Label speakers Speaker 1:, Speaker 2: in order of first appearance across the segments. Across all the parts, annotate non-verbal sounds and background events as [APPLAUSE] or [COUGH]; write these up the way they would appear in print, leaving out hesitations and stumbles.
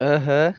Speaker 1: Aham.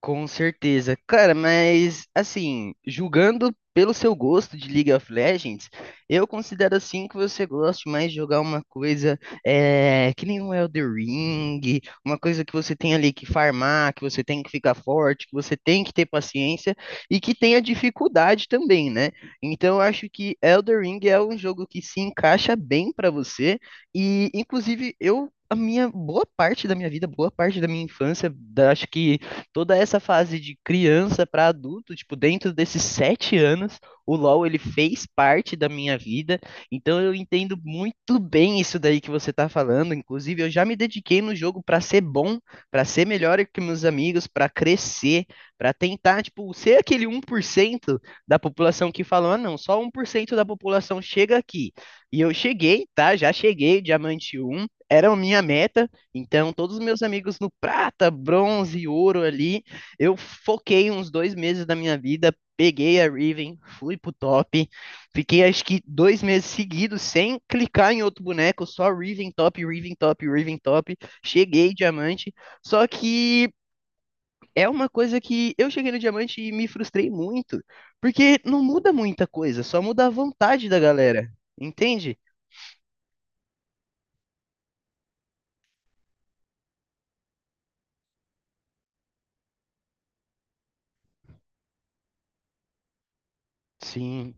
Speaker 1: Com certeza. Cara, mas assim, julgando pelo seu gosto de League of Legends, eu considero assim que você gosta mais de jogar uma coisa que nem um Elden Ring, uma coisa que você tem ali que farmar, que você tem que ficar forte, que você tem que ter paciência e que tenha dificuldade também, né? Então eu acho que Elden Ring é um jogo que se encaixa bem pra você e, inclusive, eu. A minha boa parte da minha vida, boa parte da minha infância, acho que toda essa fase de criança para adulto, tipo, dentro desses 7 anos, o LoL ele fez parte da minha vida, então eu entendo muito bem isso daí que você tá falando. Inclusive, eu já me dediquei no jogo para ser bom, para ser melhor que meus amigos, para crescer, para tentar, tipo, ser aquele 1% da população que falam, ah, não, só 1% da população chega aqui. E eu cheguei, tá? Já cheguei, diamante um era a minha meta, então, todos os meus amigos no prata, bronze, ouro ali, eu foquei uns 2 meses da minha vida, peguei a Riven, fui pro top, fiquei acho que 2 meses seguidos sem clicar em outro boneco, só Riven top, Riven top, Riven top, cheguei diamante, só que é uma coisa que eu cheguei no diamante e me frustrei muito, porque não muda muita coisa, só muda a vontade da galera, entende? Sim,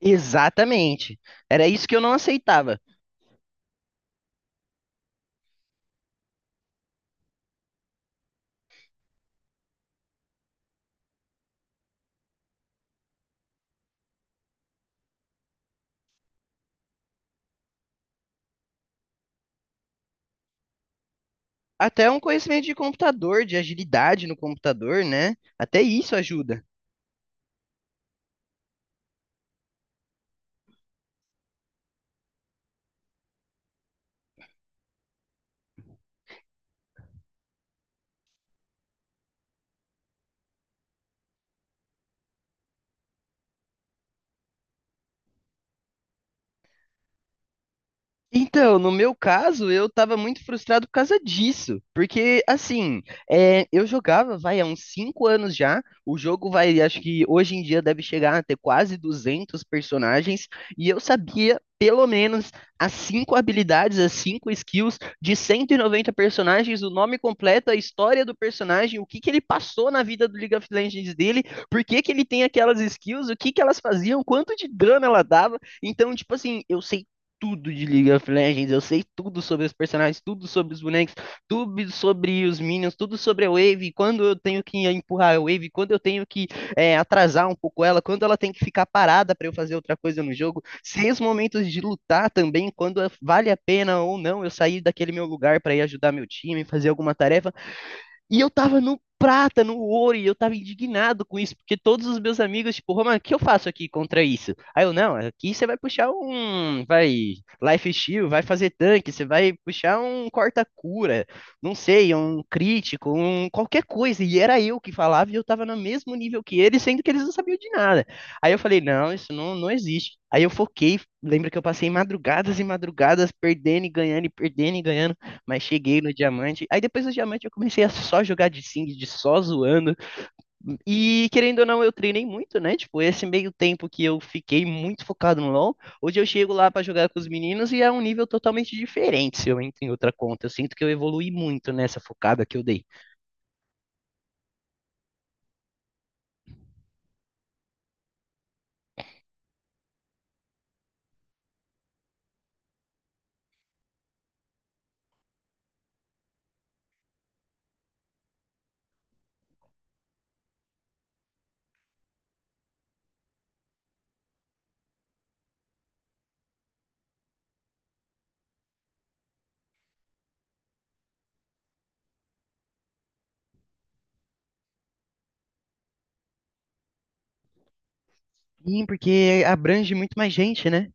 Speaker 1: exatamente, era isso que eu não aceitava. Até um conhecimento de computador, de agilidade no computador, né? Até isso ajuda. Então, no meu caso, eu tava muito frustrado por causa disso. Porque, assim, eu jogava, vai, há uns 5 anos já. O jogo vai, acho que hoje em dia deve chegar a ter quase 200 personagens. E eu sabia, pelo menos, as 5 habilidades, as 5 skills de 190 personagens, o nome completo, a história do personagem, o que que ele passou na vida do League of Legends dele, por que que ele tem aquelas skills, o que que elas faziam, quanto de dano ela dava. Então, tipo assim, eu sei tudo de League of Legends, eu sei tudo sobre os personagens, tudo sobre os bonecos, tudo sobre os minions, tudo sobre a Wave, quando eu tenho que empurrar a Wave, quando eu tenho que atrasar um pouco ela, quando ela tem que ficar parada para eu fazer outra coisa no jogo, sei os momentos de lutar também, quando vale a pena ou não eu sair daquele meu lugar para ir ajudar meu time, fazer alguma tarefa. E eu tava no prata, no ouro, e eu tava indignado com isso, porque todos os meus amigos, tipo, Roman, o que eu faço aqui contra isso? Aí eu, não, aqui você vai puxar um, vai, life steal, vai fazer tanque, você vai puxar um corta-cura, não sei, um crítico, um qualquer coisa. E era eu que falava e eu tava no mesmo nível que eles, sendo que eles não sabiam de nada. Aí eu falei, não, isso não, não existe. Aí eu foquei, lembra que eu passei madrugadas e madrugadas perdendo e ganhando e perdendo e ganhando. Mas cheguei no diamante. Aí depois do diamante eu comecei a só jogar de sing, de só zoando. E querendo ou não, eu treinei muito, né? Tipo, esse meio tempo que eu fiquei muito focado no LoL, hoje eu chego lá pra jogar com os meninos e é um nível totalmente diferente se eu entro em outra conta. Eu sinto que eu evolui muito nessa focada que eu dei. Sim, porque abrange muito mais gente, né?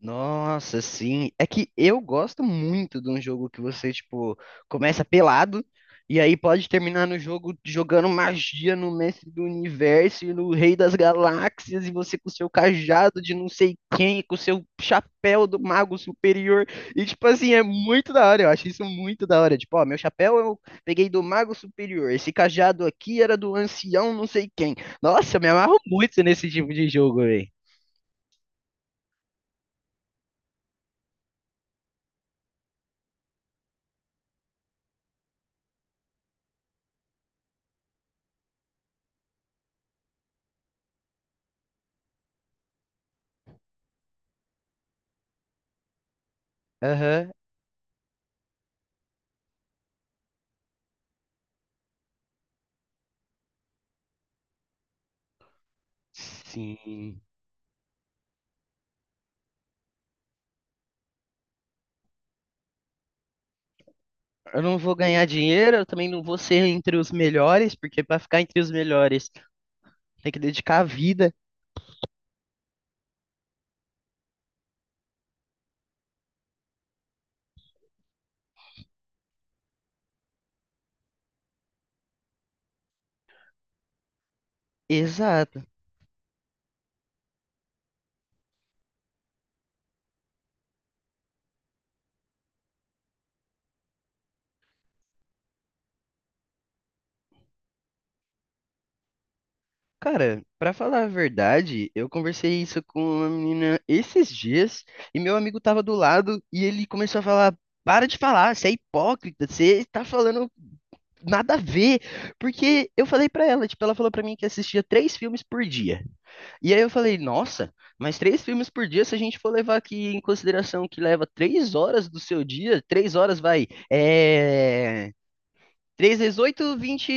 Speaker 1: Nossa, sim. É que eu gosto muito de um jogo que você, tipo, começa pelado e aí pode terminar no jogo jogando magia no mestre do universo e no rei das galáxias e você com seu cajado de não sei quem, com seu chapéu do mago superior. E, tipo assim, é muito da hora. Eu acho isso muito da hora. Tipo, ó, meu chapéu eu peguei do mago superior. Esse cajado aqui era do ancião não sei quem. Nossa, eu me amarro muito nesse tipo de jogo, velho. Aham. Sim. Eu não vou ganhar dinheiro, eu também não vou ser entre os melhores, porque para ficar entre os melhores tem que dedicar a vida. Exato. Cara, para falar a verdade, eu conversei isso com uma menina esses dias e meu amigo tava do lado e ele começou a falar: "Para de falar, você é hipócrita, você tá falando nada a ver". Porque eu falei pra ela, tipo, ela falou pra mim que assistia três filmes por dia. E aí eu falei, nossa, mas três filmes por dia, se a gente for levar aqui em consideração que leva 3 horas do seu dia, 3 horas vai, é... 3 vezes 8, 20,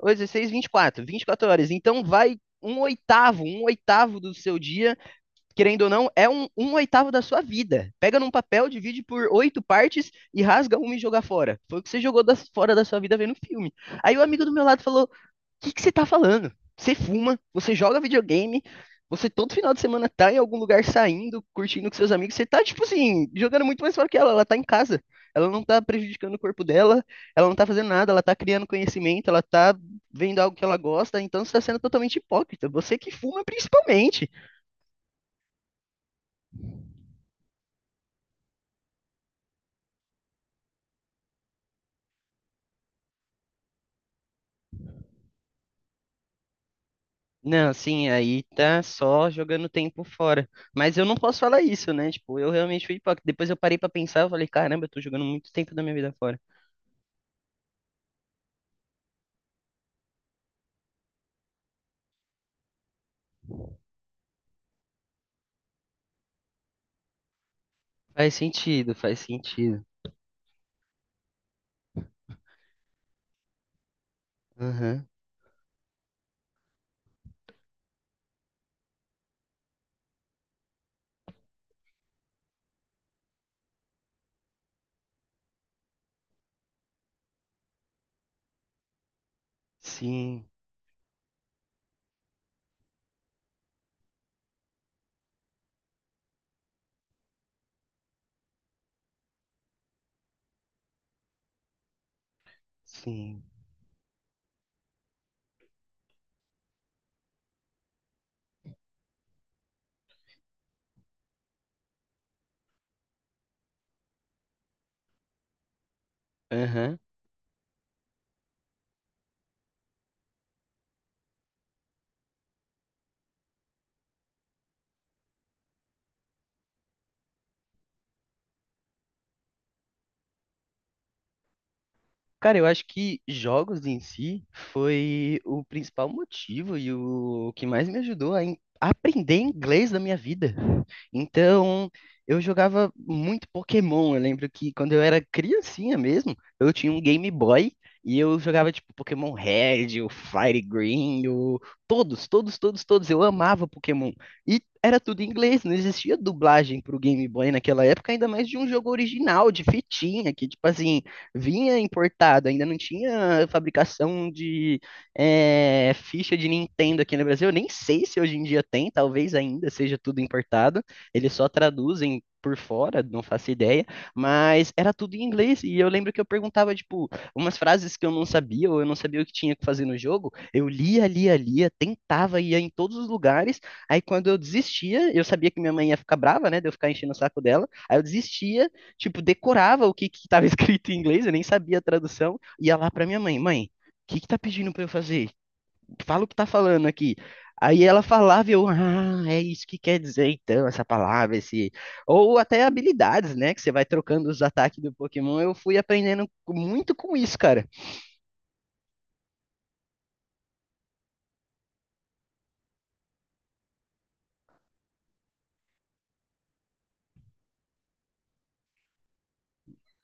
Speaker 1: 8, 16, 24, quatro vinte e quatro horas. Então vai um oitavo do seu dia, querendo ou não, é um, um oitavo da sua vida. Pega num papel, divide por oito partes e rasga uma e joga fora. Foi o que você jogou fora da sua vida vendo filme. Aí o amigo do meu lado falou, que você tá falando? Você fuma, você joga videogame, você todo final de semana tá em algum lugar saindo, curtindo com seus amigos, você tá, tipo assim, jogando muito mais fora que ela tá em casa. Ela não tá prejudicando o corpo dela, ela não tá fazendo nada, ela tá criando conhecimento, ela tá vendo algo que ela gosta, então você tá sendo totalmente hipócrita. Você que fuma principalmente. Não, sim, aí tá só jogando tempo fora. Mas eu não posso falar isso, né? Tipo, eu realmente fui hipócrita. Depois eu parei pra pensar, eu falei, caramba, eu tô jogando muito tempo da minha vida fora. Faz sentido, faz sentido. Aham. Sim, sim. Aham. Cara, eu acho que jogos em si foi o principal motivo e o que mais me ajudou a aprender inglês na minha vida. Então, eu jogava muito Pokémon. Eu lembro que quando eu era criancinha mesmo, eu tinha um Game Boy e eu jogava tipo Pokémon Red, o Fire Green, o... todos, todos, todos, todos. Eu amava Pokémon. E era tudo em inglês, não existia dublagem pro Game Boy naquela época, ainda mais de um jogo original, de fitinha, que tipo assim vinha importado, ainda não tinha fabricação de ficha de Nintendo aqui no Brasil. Eu nem sei se hoje em dia tem, talvez ainda seja tudo importado. Eles só traduzem por fora, não faço ideia, mas era tudo em inglês e eu lembro que eu perguntava tipo umas frases que eu não sabia ou eu não sabia o que tinha que fazer no jogo, eu lia, lia, lia, tentava ia em todos os lugares. Aí quando eu desistia, eu sabia que minha mãe ia ficar brava, né, de eu ficar enchendo o saco dela. Aí eu desistia tipo, decorava o que que tava [LAUGHS] escrito em inglês, eu nem sabia a tradução, ia lá pra minha mãe, mãe, o que que tá pedindo pra eu fazer? Fala o que tá falando aqui. Aí ela falava, e eu, ah, é isso que quer dizer então, essa palavra, esse. Ou até habilidades, né? Que você vai trocando os ataques do Pokémon. Eu fui aprendendo muito com isso, cara.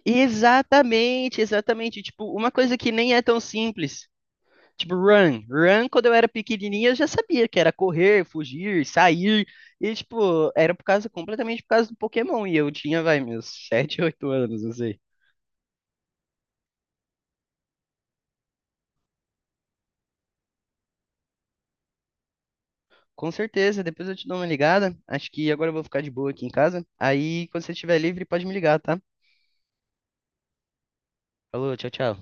Speaker 1: Exatamente, exatamente. Tipo, uma coisa que nem é tão simples. Tipo, run. Run, quando eu era pequenininha, eu já sabia que era correr, fugir, sair. E, tipo, era por causa, completamente por causa do Pokémon. E eu tinha, vai, meus 7, 8 anos, não sei. Com certeza, depois eu te dou uma ligada. Acho que agora eu vou ficar de boa aqui em casa. Aí, quando você estiver livre, pode me ligar, tá? Falou, tchau, tchau.